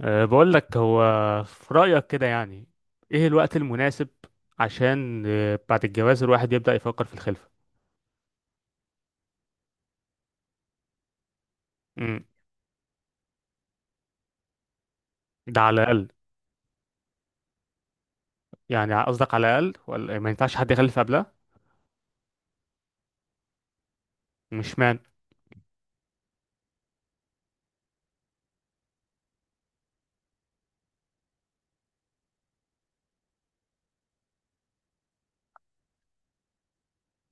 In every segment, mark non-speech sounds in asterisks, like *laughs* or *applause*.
بقول لك، هو في رأيك كده يعني ايه الوقت المناسب عشان بعد الجواز الواحد يبدأ يفكر في الخلفة؟ امم. ده على الأقل؟ يعني قصدك على الأقل ولا ما ينفعش حد يخلف قبلها؟ مش مان.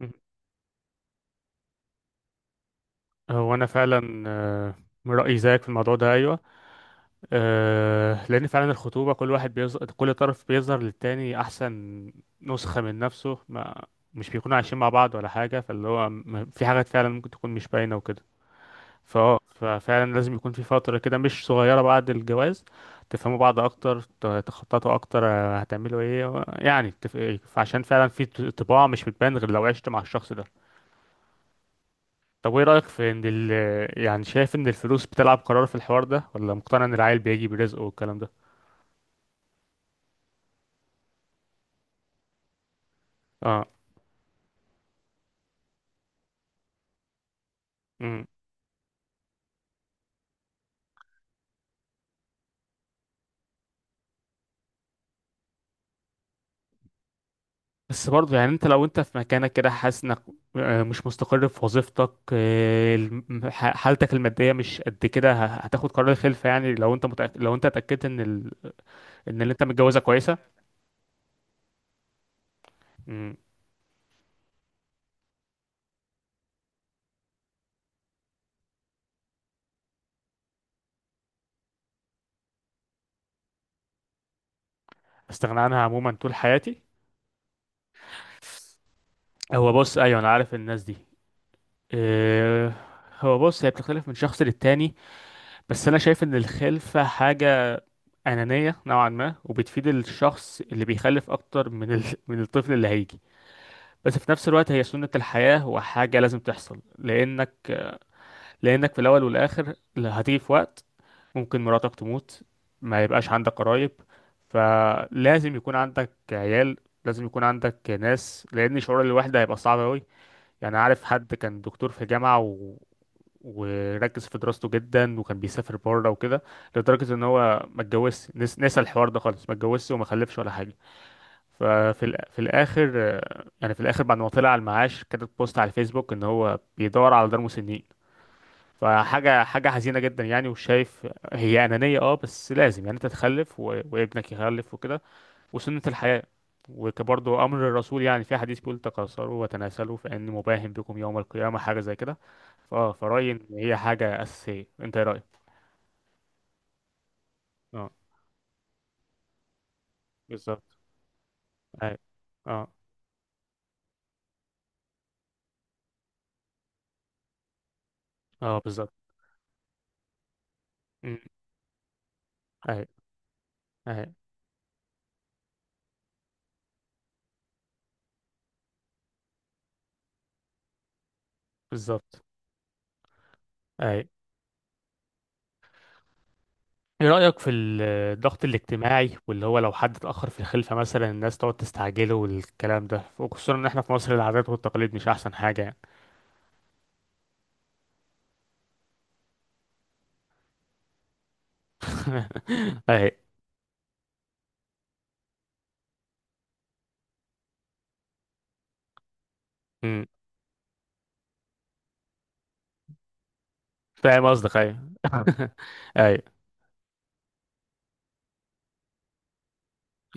مم. هو أنا فعلا، من رأيي زيك في الموضوع ده. أيوه، لأن فعلا الخطوبة كل واحد بيظهر، كل طرف بيظهر للتاني أحسن نسخة من نفسه، ما مش بيكونوا عايشين مع بعض ولا حاجة، فاللي هو في حاجات فعلا ممكن تكون مش باينة وكده. ففعلا لازم يكون في فترة كده مش صغيرة بعد الجواز تفهموا بعض أكتر، تخططوا أكتر، هتعملوا إيه يعني عشان فعلا في طباع مش بتبان غير لو عشت مع الشخص ده. طب إيه رأيك في إن يعني شايف إن الفلوس بتلعب قرار في الحوار ده، ولا مقتنع إن العيل بيجي برزقه والكلام ده؟ اه. امم. بس برضه يعني انت لو انت في مكانك كده، حاسس انك مش مستقر في وظيفتك، حالتك المادية مش قد كده، هتاخد قرار الخلفة؟ يعني لو انت متأكد، لو انت اتأكدت ان ان اللي انت متجوزها كويسه. مم. استغنى عنها عموما طول حياتي؟ هو بص، ايوه انا عارف الناس دي. إيه، هو بص، هي بتختلف من شخص للتاني، بس انا شايف ان الخلفه حاجه انانيه نوعا ما، وبتفيد الشخص اللي بيخلف اكتر من *laughs* من الطفل اللي هيجي. بس في نفس الوقت هي سنه الحياه، وحاجه لازم تحصل، لانك في الاول والاخر هتيجي في وقت ممكن مراتك تموت، ما يبقاش عندك قرايب، فلازم يكون عندك عيال، لازم يكون عندك ناس، لأن شعور الوحدة هيبقى صعب أوي. يعني عارف حد كان دكتور في جامعة، وركز في دراسته جدا، وكان بيسافر بره وكده، لدرجة ان هو ما اتجوزش، نسى الحوار ده خالص، ما اتجوزش وما خلفش ولا حاجة. في الآخر، يعني في الآخر بعد ما طلع على المعاش كتب بوست على الفيسبوك ان هو بيدور على دار مسنين. فحاجة حزينة جدا يعني. وشايف هي أنانية، اه، بس لازم يعني انت تخلف، وابنك يخلف وكده، وسنة الحياة. وكبرضه أمر الرسول، يعني في حديث بيقول تكاثروا وتناسلوا فإن مباهم بكم يوم القيامة، حاجة زي كده. فرأيي إن هي حاجة أساسية، انت ايه رأيك؟ اه، بالظبط. اي. اه. اه، بالظبط. أمم، اي، اي، بالظبط. اي. ايه رأيك في الضغط الاجتماعي واللي هو لو حد اتأخر في الخلفة مثلا، الناس تقعد تستعجله والكلام ده، وخصوصا ان احنا في مصر العادات والتقاليد مش احسن حاجة يعني. *laughs* اهي. أمم. فاهم قصدك، ايوه. *laughs* ايوه.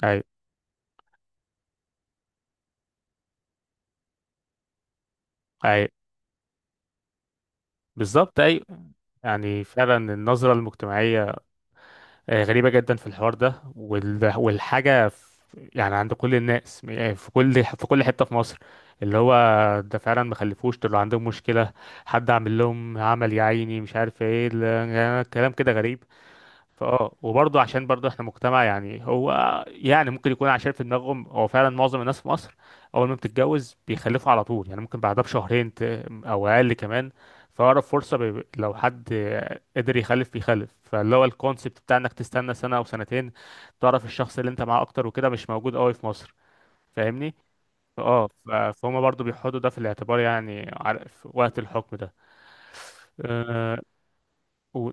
ايوه. ايوه، بالظبط، ايوه. يعني فعلا النظرة المجتمعية غريبة جدا في الحوار ده، والحاجة في يعني عند كل الناس، يعني في كل حتة في مصر، اللي هو ده فعلا ما خلفوش، طلعوا عندهم مشكلة، حد عامل لهم عمل، يا عيني مش عارف ايه يعني كلام كده غريب. وبرضه عشان برضه احنا مجتمع، يعني هو يعني ممكن يكون عشان في دماغهم هو فعلا معظم الناس في مصر اول ما بتتجوز بيخلفوا على طول، يعني ممكن بعدها بشهرين او اقل كمان. فأقرب فرصة لو حد قدر يخلف بيخلف، فاللي هو الكونسيبت بتاع انك تستنى سنة او سنتين تعرف الشخص اللي انت معاه اكتر وكده مش موجود قوي في مصر، فاهمني؟ اه، فهم برضه بيحطوا ده في الاعتبار، يعني في وقت الحكم ده. أه... و...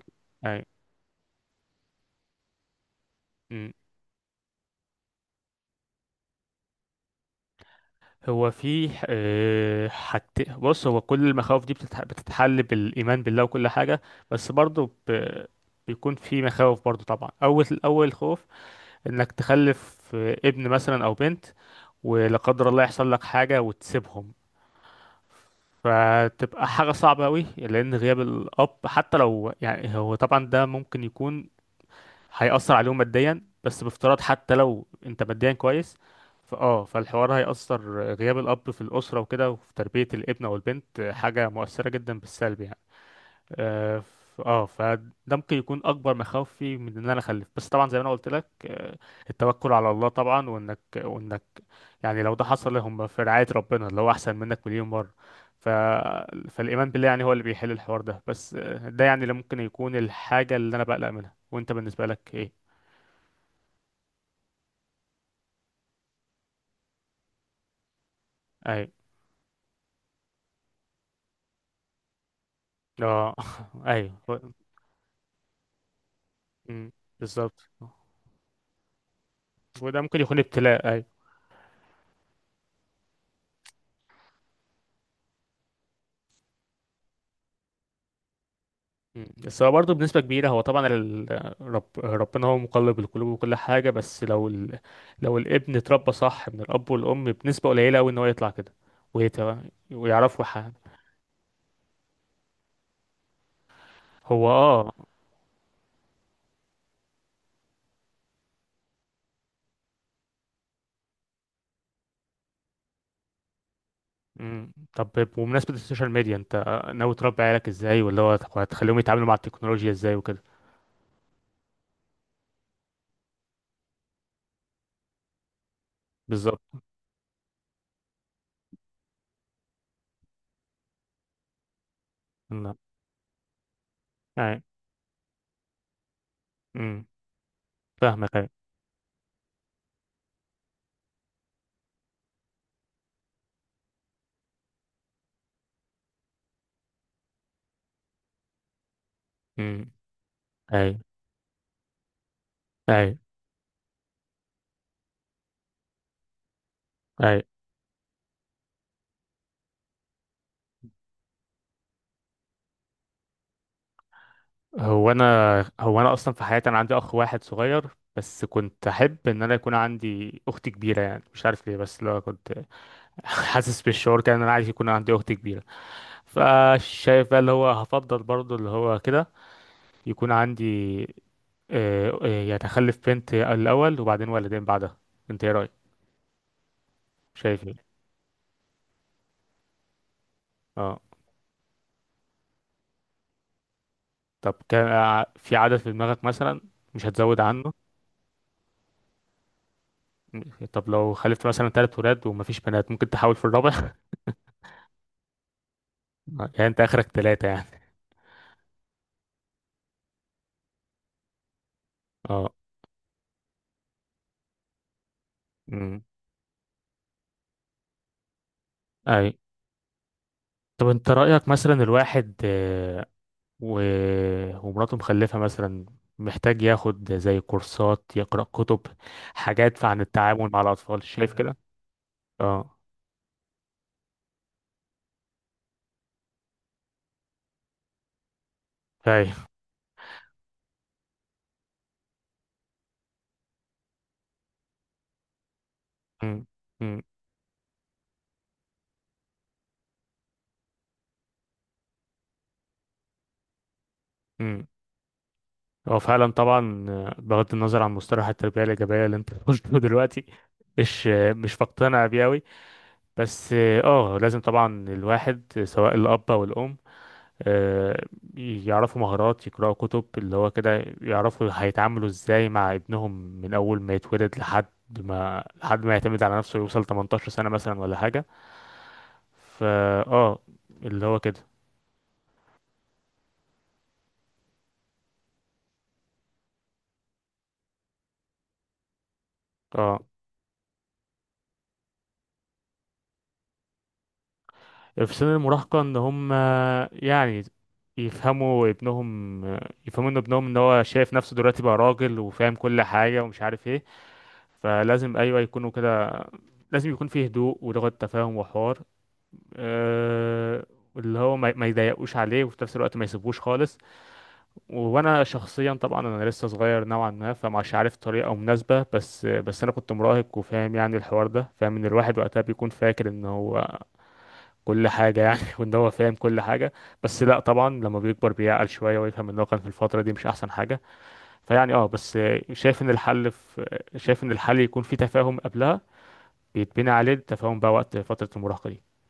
أي. هو في بص، هو كل المخاوف دي بتتحل بالإيمان بالله وكل حاجة، بس برضو بيكون في مخاوف برضو طبعا. أول أول خوف إنك تخلف، ابن مثلا أو بنت، ولا قدر الله يحصل لك حاجة وتسيبهم، فتبقى حاجة صعبة أوي، لأن غياب الأب حتى لو، يعني هو طبعا ده ممكن يكون هيأثر عليهم ماديا، بس بافتراض حتى لو انت ماديا كويس، فالحوار هيأثر، غياب الأب في الأسرة وكده وفي تربية الابن أو البنت حاجة مؤثرة جدا بالسلب يعني. اه. فده ممكن يكون أكبر مخاوفي من إن أنا أخلف، بس طبعا زي ما أنا قلت لك، التوكل على الله طبعا، وإنك يعني لو ده حصل هم في رعاية ربنا اللي هو أحسن منك مليون مرة. ف... فالإيمان بالله يعني هو اللي بيحل الحوار ده، بس ده يعني اللي ممكن يكون الحاجة اللي أنا بقلق منها. وأنت بالنسبة لك إيه؟ ايوه. اه. *laughs* ايوه. مم. بالظبط. وده ممكن يكون ابتلاء، ايوه. مم. بس هو برضه بنسبة كبيرة، هو طبعا ربنا هو مقلب القلوب وكل حاجة، بس لو لو الابن اتربى صح من الأب والأم، بنسبة قليلة أوي إن هو يطلع كده ويت... ويعرفوا حاجة. هو اه. مم. طب، بمناسبة السوشيال ميديا، انت ناوي تربي عيالك ازاي؟ ولا هو هتخليهم يتعاملوا مع التكنولوجيا ازاي وكده؟ بالظبط. لا. اي. امم. فاهمك. اي. امم. اي. اي. اي. هو انا هو انا اصلا في حياتي انا عندي اخ واحد صغير، بس كنت احب ان انا يكون عندي اخت كبيره، يعني مش عارف ليه، بس لو كنت *laughs* حاسس بالشعور كان انا عايز يكون عندي اخت كبيره. فشايف بقى اللي هو هفضل برضو اللي هو كده، يكون عندي، يعني اخلف بنت الاول وبعدين ولدين بعدها. انت ايه رايك؟ شايف ايه؟ اه. طب كان في عدد في دماغك مثلا مش هتزود عنه؟ طب لو خلفت مثلا ثلاث ولاد ومفيش بنات ممكن تحاول في الرابع؟ *laughs* يعني انت اخرك ثلاثه يعني؟ اه. امم. اي. طب انت رأيك مثلا الواحد، و... ومراته مخلفة مثلا، محتاج ياخد زي كورسات، يقرأ كتب، حاجات عن التعامل مع الأطفال، شايف كده؟ اه. اي. أمم، أمم، أمم. هو فعلا طبعا، بغض النظر عن مصطلح التربية الإيجابية اللي انت *laughs* قلته دلوقتي، مش مش بقتنع بيه أوي، بس اه، لازم طبعا الواحد سواء الأب أو الأم آه، يعرفوا مهارات، يقرأوا كتب، اللي هو كده يعرفوا هيتعاملوا ازاي مع ابنهم من اول ما يتولد لحد ما يعتمد على نفسه، يوصل 18 سنة مثلا ولا حاجة. فا اه، اللي هو كده. اه، في سن المراهقة، ان هم يعني يفهموا ابنهم، يفهموا ان ابنهم ان هو شايف نفسه دلوقتي بقى راجل وفاهم كل حاجة ومش عارف ايه، فلازم ايوه يكونوا كده، لازم يكون فيه هدوء ولغة تفاهم وحوار، آه، اللي هو ما يضايقوش عليه وفي نفس الوقت ما يسيبوش خالص. وانا شخصيا طبعا انا لسه صغير نوعا ما، فمش عارف طريقه مناسبه، بس انا كنت مراهق وفاهم يعني الحوار ده، فاهم ان الواحد وقتها بيكون فاكر ان هو كل حاجه يعني *laughs* وان هو فاهم كل حاجه، بس لا طبعا لما بيكبر بيعقل شويه ويفهم ان هو كان في الفتره دي مش احسن حاجه. فيعني اه، بس شايف ان الحل في شايف ان الحل يكون في تفاهم قبلها، بيتبنى عليه التفاهم بقى وقت فتره المراهقه دي.